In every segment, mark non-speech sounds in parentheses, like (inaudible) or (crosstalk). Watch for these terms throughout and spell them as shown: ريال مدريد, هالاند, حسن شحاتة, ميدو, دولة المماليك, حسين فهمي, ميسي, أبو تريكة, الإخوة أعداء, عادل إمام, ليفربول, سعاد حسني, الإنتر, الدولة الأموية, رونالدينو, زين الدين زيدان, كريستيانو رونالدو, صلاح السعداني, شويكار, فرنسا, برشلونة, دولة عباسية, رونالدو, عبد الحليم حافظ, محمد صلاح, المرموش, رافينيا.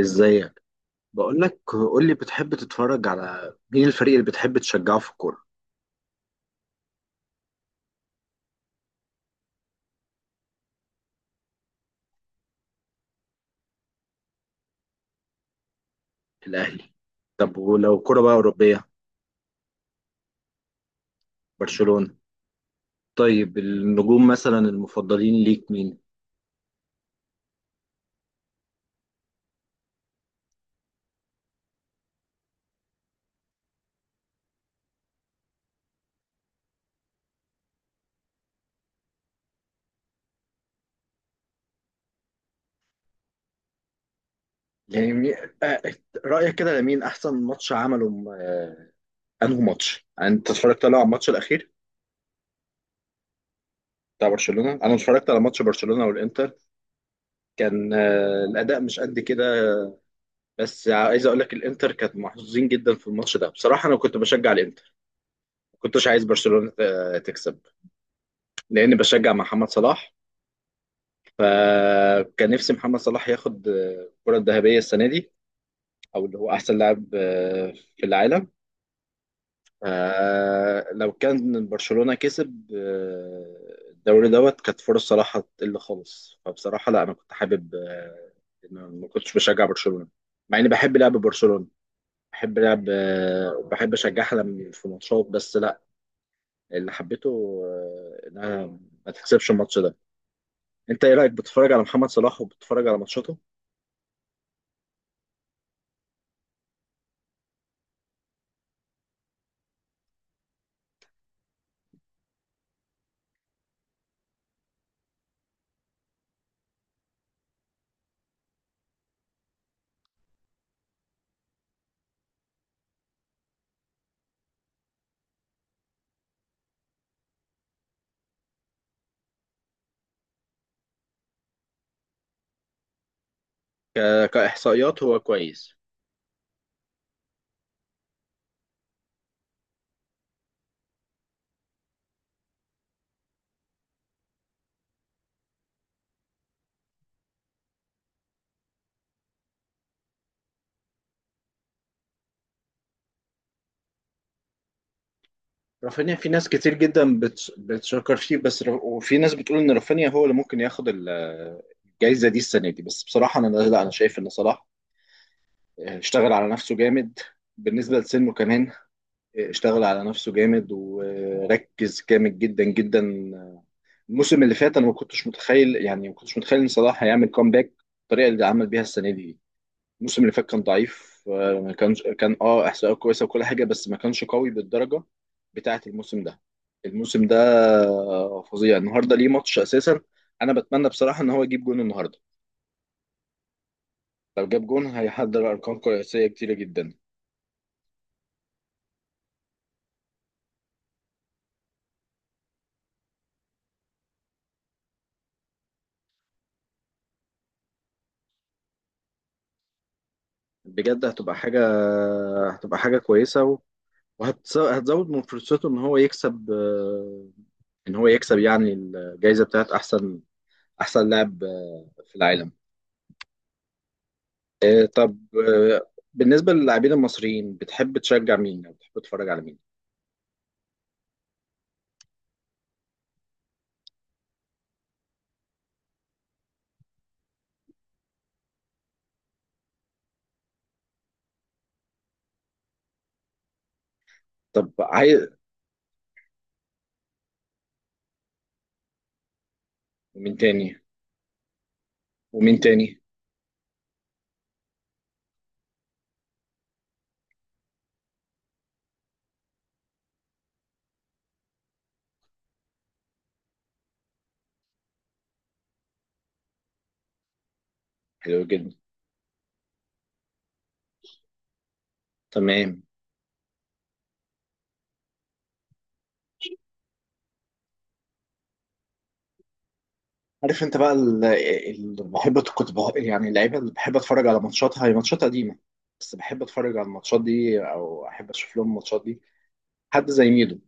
ازيك؟ بقول لك، قول لي، بتحب تتفرج على مين؟ الفريق اللي بتحب تشجعه في الكوره؟ الاهلي. طب ولو كوره بقى اوروبيه؟ برشلونه. طيب، النجوم مثلا المفضلين ليك مين؟ يعني مي- آه، رايك كده، لمين احسن ماتش عمله؟ انه ماتش انت اتفرجت له؟ على الماتش الاخير بتاع برشلونه؟ انا اتفرجت على ماتش برشلونه والانتر. كان الاداء مش قد كده. بس عايز اقول لك، الانتر كانت محظوظين جدا في الماتش ده. بصراحه، انا كنت بشجع الانتر. ما كنتش عايز برشلونه تكسب. لاني بشجع محمد صلاح. فكان نفسي محمد صلاح ياخد الكرة الذهبية السنة دي، او اللي هو احسن لاعب في العالم. لو كان برشلونة كسب الدوري دوت، كانت فرص صلاح هتقل خالص. فبصراحة، لا، انا كنت حابب إن أنا ما كنتش بشجع برشلونة. مع اني بحب لعب برشلونة، بحب لعب، بحب اشجعها لما في ماتشات، بس لا، اللي حبيته انها ما تكسبش الماتش ده. انت ايه رايك؟ بتتفرج على محمد صلاح وبتتفرج على ماتشاته؟ كاحصائيات هو كويس. رافينيا، في ناس كتير جدا بتشكر فيه، بس وفي ناس بتقول ان رافينيا هو اللي ممكن ياخد الجايزه دي السنه دي. بس بصراحه، انا، لا، انا شايف ان صلاح اشتغل على نفسه جامد. بالنسبه لسنه كمان اشتغل على نفسه جامد وركز جامد جدا جدا. الموسم اللي فات انا ما كنتش متخيل ان صلاح هيعمل كومباك بالطريقه اللي عمل بيها السنه دي. الموسم اللي فات كان ضعيف. ما كانش، كان احصائيه كويسه وكل حاجه، بس ما كانش قوي بالدرجه بتاعه الموسم ده. الموسم ده فظيع. النهارده ليه ماتش اساسا. انا بتمنى بصراحه ان هو يجيب جون النهارده. لو جاب جون، هيحضر ارقام قياسيه كتيره جدا. بجد هتبقى حاجه. هتبقى حاجه كويسه هتزود من فرصته ان هو يكسب، الجائزه بتاعه احسن، احسن لاعب في العالم. طب، بالنسبة للاعبين المصريين، بتحب تشجع مين أو بتحب تتفرج على مين؟ طب، عايز. ومين تاني؟ ومين تاني؟ حلو جدا. تمام. عارف انت بقى؟ اللي بحب، يعني اللعيبة اللي بحب اتفرج على ماتشاتها هي ماتشات قديمة. بس بحب اتفرج على الماتشات دي، او احب اشوف لهم الماتشات دي. حد زي ميدو.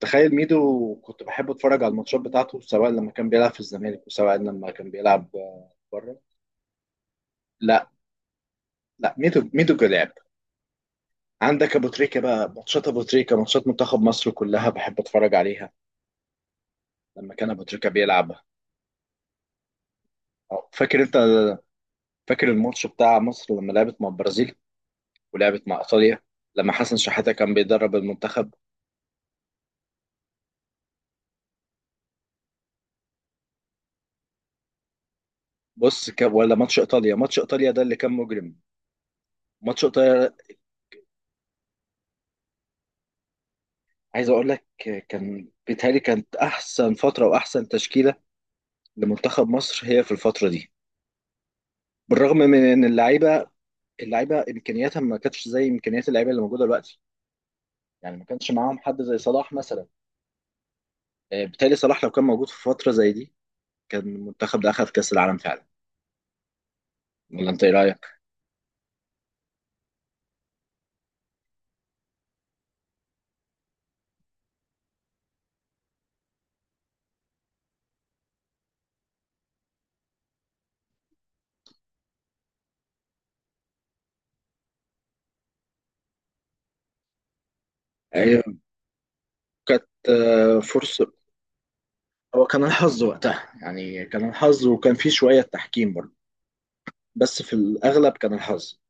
تخيل، ميدو كنت بحب اتفرج على الماتشات بتاعته، سواء لما كان بيلعب في الزمالك وسواء لما كان بيلعب بره. لا. لا، ميدو ميدو كلاعب. عندك ابو تريكه بقى، ماتشات ابو تريكه، ماتشات منتخب مصر كلها بحب اتفرج عليها لما كان ابو تريكه بيلعب. فاكر انت؟ فاكر الماتش بتاع مصر لما لعبت مع البرازيل ولعبت مع ايطاليا، لما حسن شحاته كان بيدرب المنتخب؟ بص، ولا ماتش ايطاليا. ماتش ايطاليا ده اللي كان مجرم. ماتش ايطاليا! عايز اقول لك، كان بيتهيألي كانت احسن فتره واحسن تشكيله لمنتخب مصر هي في الفتره دي. بالرغم من ان اللعيبه، امكانياتها ما كانتش زي امكانيات اللعيبه اللي موجوده دلوقتي، يعني ما كانش معاهم حد زي صلاح مثلا. بالتالي صلاح لو كان موجود في فترة زي دي، كان المنتخب ده أخذ كأس العالم فعلا. ولا أنت إيه رأيك؟ آه، كانت فرصة. هو كان الحظ وقتها، يعني كان الحظ، وكان فيه شوية تحكيم برضه. بس في الأغلب كان الحظ.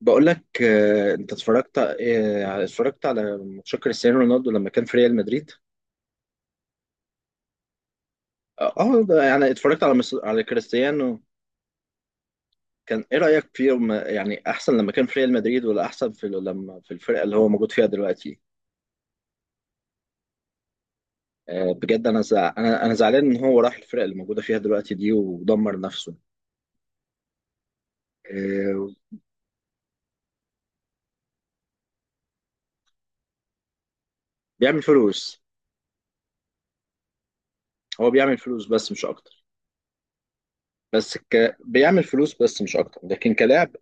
بقول لك، أنت اتفرجت على ماتش كريستيانو رونالدو لما كان في ريال مدريد؟ اه، ده يعني اتفرجت على على كريستيانو. كان ايه رأيك فيه؟ يعني احسن لما كان في ريال مدريد ولا احسن في لما في الفرقة اللي هو موجود فيها دلوقتي؟ بجد انا زع... انا انا زعلان ان هو راح الفرق اللي موجوده فيها دلوقتي دي ودمر نفسه. آه، بيعمل فلوس. هو بيعمل فلوس بس مش اكتر. بس، بيعمل فلوس بس مش اكتر، لكن كلاعب،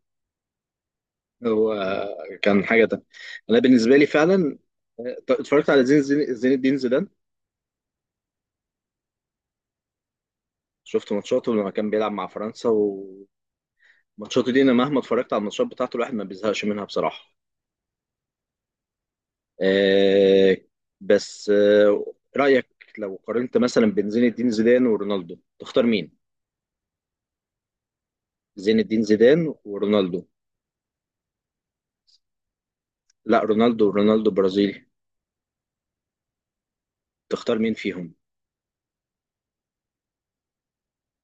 هو كان حاجه تانية. انا بالنسبه لي فعلا، اتفرجت على زين الدين زيدان. شفت ماتشاته لما كان بيلعب مع فرنسا، وماتشاته دي، انا مهما اتفرجت على الماتشات بتاعته الواحد ما بيزهقش منها بصراحه. آه. بس، رأيك، لو قارنت مثلا بين زين الدين زيدان ورونالدو، تختار مين؟ زين الدين زيدان ورونالدو. لا، رونالدو، ورونالدو برازيلي. تختار مين فيهم؟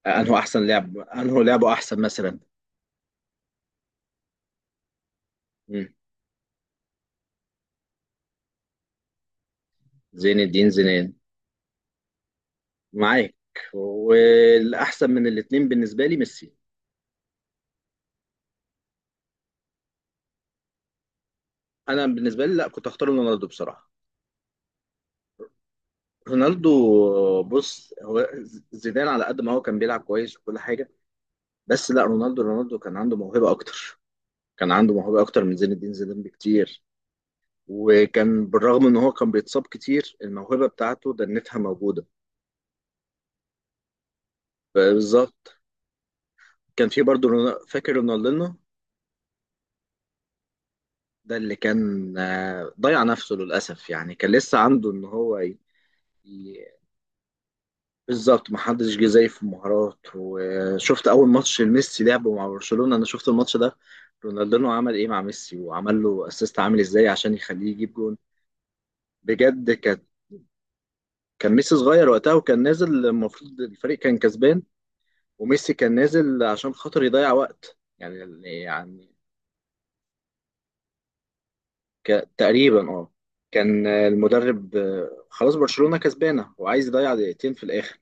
أنه أحسن لاعب، أنه لعبه أحسن مثلا؟ مم. زين الدين زيدان. معاك. والأحسن من الاتنين بالنسبة لي ميسي. أنا بالنسبة لي، لا، كنت أختار رونالدو بصراحة. رونالدو. بص، هو زيدان على قد ما هو كان بيلعب كويس وكل حاجة، بس لا، رونالدو رونالدو كان عنده موهبة أكتر. كان عنده موهبة أكتر من زين الدين زيدان بكتير. وكان، بالرغم إن هو كان بيتصاب كتير، الموهبة بتاعته دنتها موجودة. بالظبط. كان في برضه، فاكر رونالدينو؟ ده اللي كان ضيع نفسه للأسف، يعني كان لسه عنده إن هو ي- بالظبط، محدش جه زيه في المهارات. وشفت أول ماتش ميسي لعبه مع برشلونة، أنا شفت الماتش ده. رونالدينو عمل إيه مع ميسي؟ وعمل له أسيست عامل إزاي عشان يخليه يجيب جون. بجد. كان ميسي صغير وقتها وكان نازل. المفروض الفريق كان كسبان. وميسي كان نازل عشان خاطر يضيع وقت يعني. يعني، ك... تقريبا اه. كان المدرب خلاص برشلونة كسبانة وعايز يضيع دقيقتين في الآخر.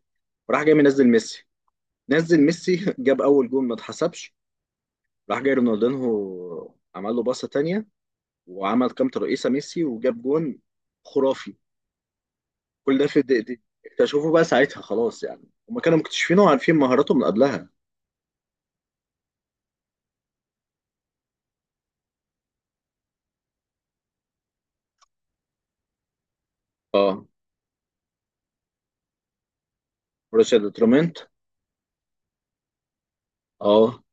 وراح جاي منزل ميسي. نزل ميسي (laughs) جاب أول جول ما اتحسبش. راح جاي رونالدينهو عمل له باصة تانية، وعمل كام ترقيصة ميسي وجاب جون. خرافي. كل ده في دقيقتين. اكتشفوه بقى ساعتها خلاص يعني. هما كانوا مكتشفينه وعارفين مهاراته من قبلها. اه. بروسيا دورتموند. اه.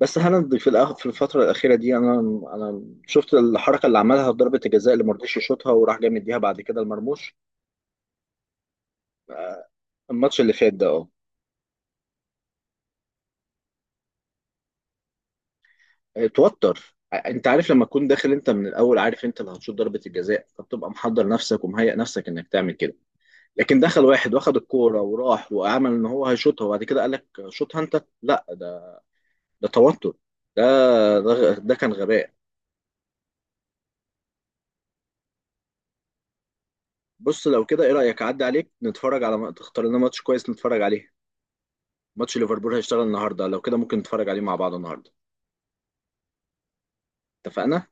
بس هالاند في الفتره الاخيره دي، انا شفت الحركه اللي عملها في ضربه الجزاء، اللي ما رضيش يشوطها وراح جاي مديها بعد كده المرموش. الماتش اللي فات ده، اه. اتوتر، انت عارف، لما تكون داخل انت من الاول عارف انت اللي هتشوط ضربه الجزاء، فبتبقى محضر نفسك ومهيئ نفسك انك تعمل كده. لكن دخل واحد واخد الكوره وراح وعمل ان هو هيشوطها، وبعد كده قال لك شوطها انت، لا، ده ده توتر. ده ده كان غباء. بص، لو كده، ايه رايك اعدي عليك نتفرج على تختار لنا ماتش كويس نتفرج عليه؟ ماتش ليفربول هيشتغل النهارده، لو كده ممكن نتفرج عليه مع بعض النهارده. اتفقنا.